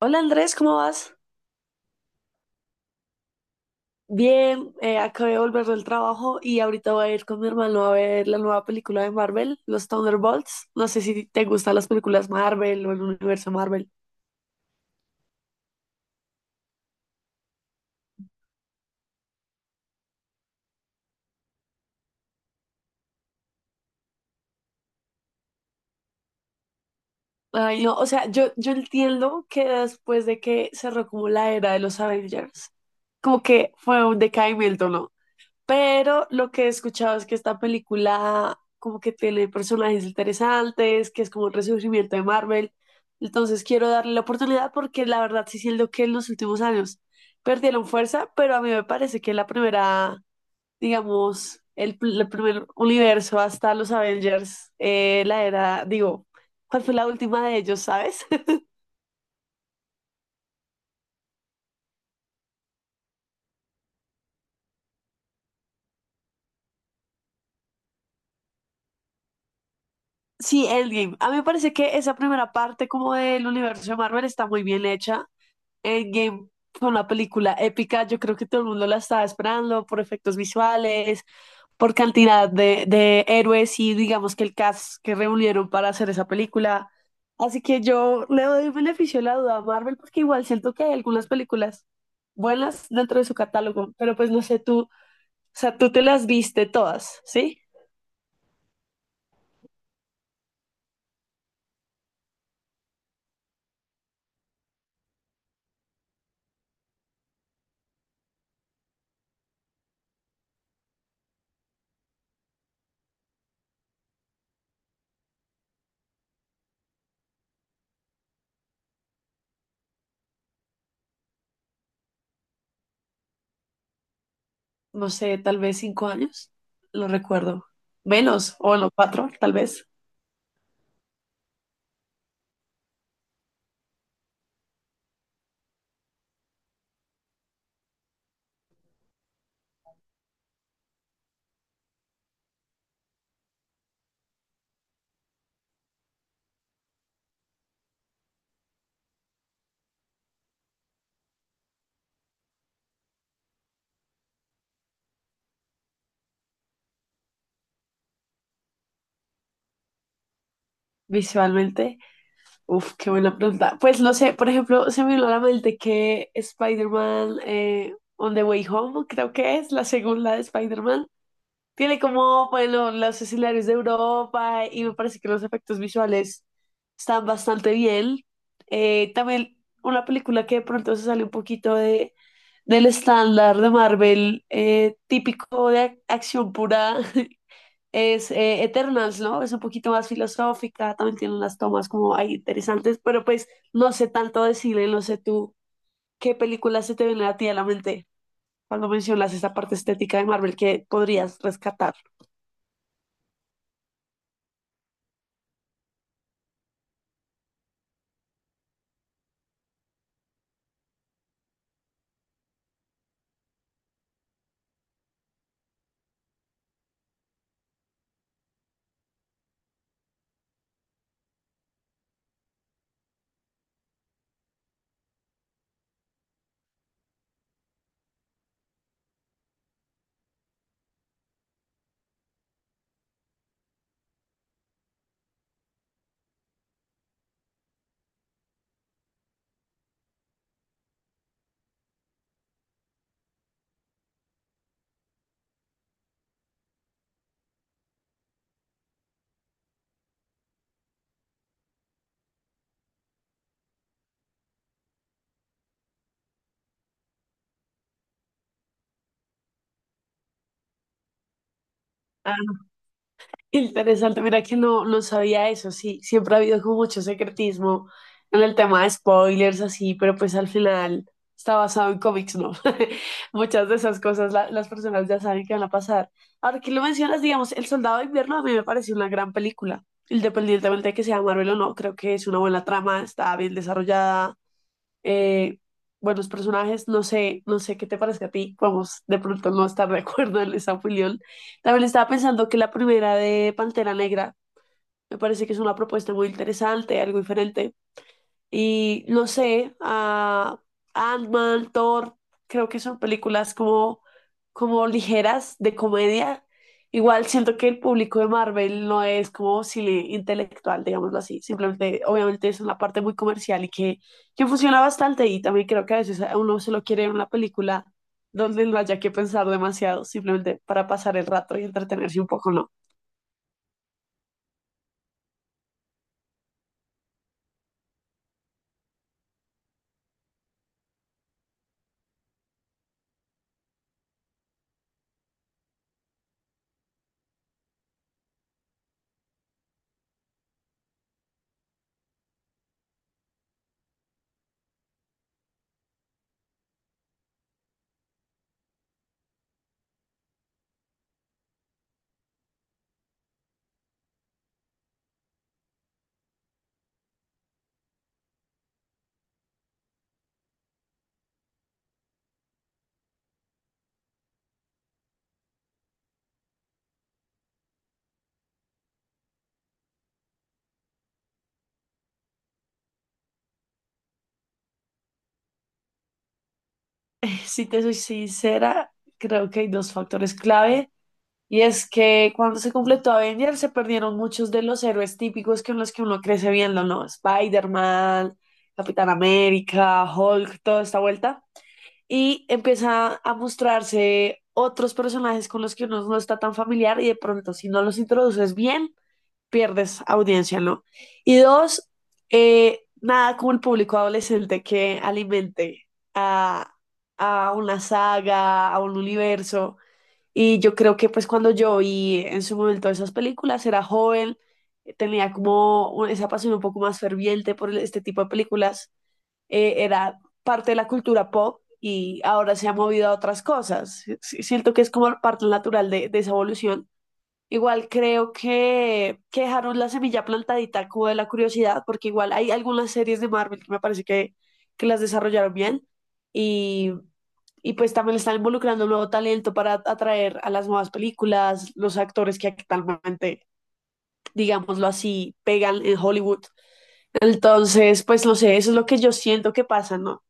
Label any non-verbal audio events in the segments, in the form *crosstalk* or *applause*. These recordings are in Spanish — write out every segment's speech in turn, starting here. Hola Andrés, ¿cómo vas? Bien, acabé de volver del trabajo y ahorita voy a ir con mi hermano a ver la nueva película de Marvel, los Thunderbolts. No sé si te gustan las películas Marvel o el universo Marvel. Ay, no, o sea, yo entiendo que después de que cerró como la era de los Avengers, como que fue un decaimiento, ¿no? Pero lo que he escuchado es que esta película como que tiene personajes interesantes, que es como un resurgimiento de Marvel. Entonces quiero darle la oportunidad porque la verdad sí siento que en los últimos años perdieron fuerza, pero a mí me parece que la primera, digamos, el primer universo hasta los Avengers, la era, digo, ¿cuál fue la última de ellos, sabes? *laughs* Sí, Endgame. A mí me parece que esa primera parte como del universo de Marvel está muy bien hecha. Endgame fue una película épica, yo creo que todo el mundo la estaba esperando por efectos visuales, por cantidad de héroes y digamos que el cast que reunieron para hacer esa película. Así que yo le doy el beneficio de la duda a Marvel porque igual siento que hay algunas películas buenas dentro de su catálogo, pero pues no sé tú, o sea, tú te las viste todas, ¿sí? No sé, tal vez cinco años, lo recuerdo. Menos, o no, cuatro, tal vez, visualmente. Uf, qué buena pregunta. Pues no sé, por ejemplo, se me vino a la mente que Spider-Man, On the Way Home, creo que es la segunda de Spider-Man, tiene como, bueno, los escenarios de Europa y me parece que los efectos visuales están bastante bien. También una película que de pronto se sale un poquito del estándar de Marvel, típico de acción pura, *laughs* es Eternals, ¿no? Es un poquito más filosófica, también tiene unas tomas como ahí interesantes, pero pues no sé tanto decirle, no sé tú qué película se te viene a ti a la mente cuando mencionas esa parte estética de Marvel que podrías rescatar. Interesante, mira que no, no sabía eso, sí, siempre ha habido como mucho secretismo en el tema de spoilers, así, pero pues al final está basado en cómics, ¿no? *laughs* Muchas de esas cosas las personas ya saben que van a pasar. Ahora que lo mencionas, digamos, El Soldado de Invierno a mí me pareció una gran película, independientemente de que sea Marvel o no, creo que es una buena trama, está bien desarrollada, eh, buenos personajes, no sé, no sé qué te parece a ti, vamos de pronto no estar de *laughs* acuerdo en esa opinión. También estaba pensando que la primera de Pantera Negra me parece que es una propuesta muy interesante, algo diferente. Y no sé, a Ant-Man, Thor, creo que son películas como, como ligeras de comedia. Igual siento que el público de Marvel no es como cine intelectual, digámoslo así. Simplemente, obviamente es una parte muy comercial que funciona bastante. Y también creo que a veces a uno se lo quiere en una película donde no haya que pensar demasiado, simplemente para pasar el rato y entretenerse un poco, ¿no? *laughs* Si te soy sincera, creo que hay dos factores clave. Y es que cuando se completó Avengers se perdieron muchos de los héroes típicos con los que uno crece viendo, ¿no? Spider-Man, Capitán América, Hulk, toda esta vuelta. Y empieza a mostrarse otros personajes con los que uno no está tan familiar y de pronto si no los introduces bien, pierdes audiencia, ¿no? Y dos, nada como el público adolescente que alimente a, a una saga, a un universo y yo creo que pues cuando yo vi en su momento esas películas, era joven, tenía como esa pasión un poco más ferviente por este tipo de películas, era parte de la cultura pop y ahora se ha movido a otras cosas. Sí, siento que es como parte natural de esa evolución. Igual creo que dejaron la semilla plantadita como de la curiosidad, porque igual hay algunas series de Marvel que me parece que las desarrollaron bien y pues también están involucrando un nuevo talento para atraer a las nuevas películas, los actores que actualmente, digámoslo así, pegan en Hollywood. Entonces, pues no sé, eso es lo que yo siento que pasa, ¿no?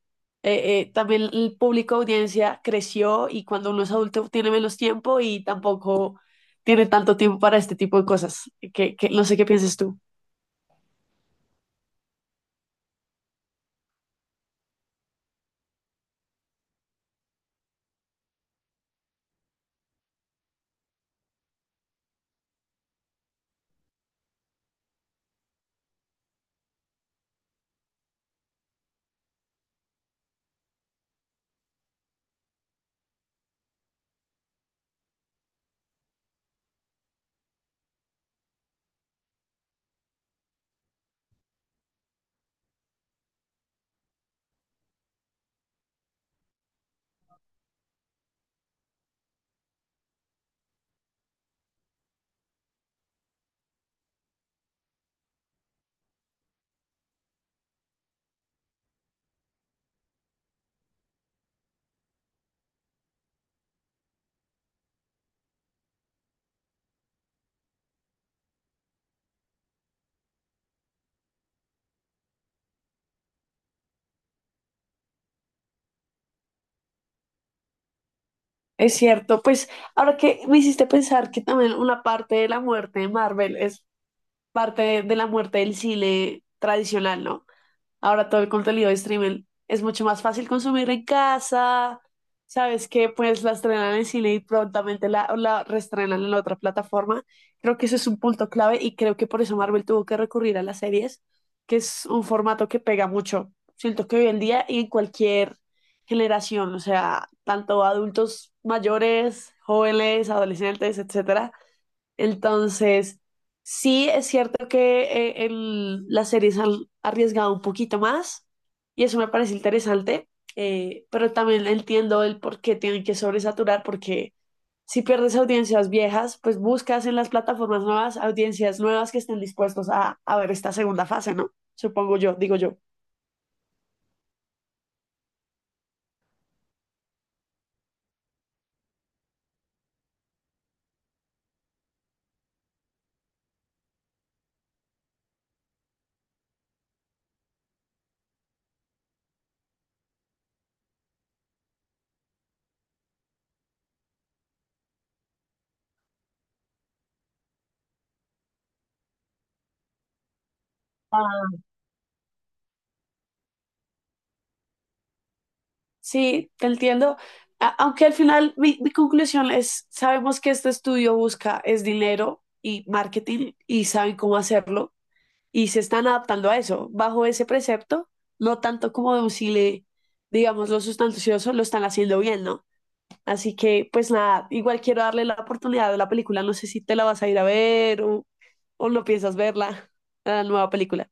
También el público audiencia creció y cuando uno es adulto tiene menos tiempo y tampoco tiene tanto tiempo para este tipo de cosas. Que no sé qué piensas tú. Es cierto, pues ahora que me hiciste pensar que también una parte de la muerte de Marvel es parte de la muerte del cine tradicional, ¿no? Ahora todo el contenido de streaming es mucho más fácil consumir en casa. Sabes que pues la estrenan en cine y prontamente la reestrenan en la otra plataforma. Creo que eso es un punto clave y creo que por eso Marvel tuvo que recurrir a las series, que es un formato que pega mucho. Siento que hoy en día y en cualquier generación, o sea, tanto adultos mayores, jóvenes, adolescentes, etcétera. Entonces, sí es cierto que las series han arriesgado un poquito más y eso me parece interesante, pero también entiendo el por qué tienen que sobresaturar, porque si pierdes audiencias viejas, pues buscas en las plataformas nuevas audiencias nuevas que estén dispuestos a ver esta segunda fase, ¿no? Supongo yo, digo yo. Ah, sí, te entiendo. Aunque al final mi conclusión es, sabemos que este estudio busca es dinero y marketing y saben cómo hacerlo, y se están adaptando a eso, bajo ese precepto, no tanto como de un le, digamos, los sustanciosos lo están haciendo bien, ¿no? Así que, pues nada, igual quiero darle la oportunidad de la película, no sé si te la vas a ir a ver o no piensas verla, la nueva película.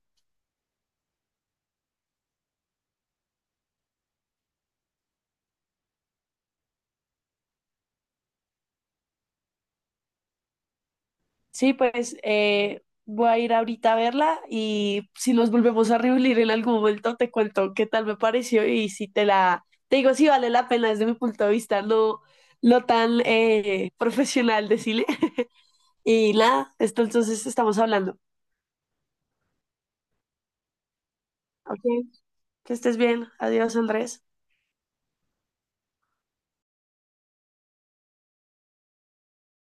Sí, pues voy a ir ahorita a verla y si nos volvemos a reunir en algún momento te cuento qué tal me pareció y si te la, te digo si vale la pena desde mi punto de vista, no, no tan profesional decirle. *laughs* Y nada, esto entonces estamos hablando. Ok, que estés bien. Adiós, Andrés.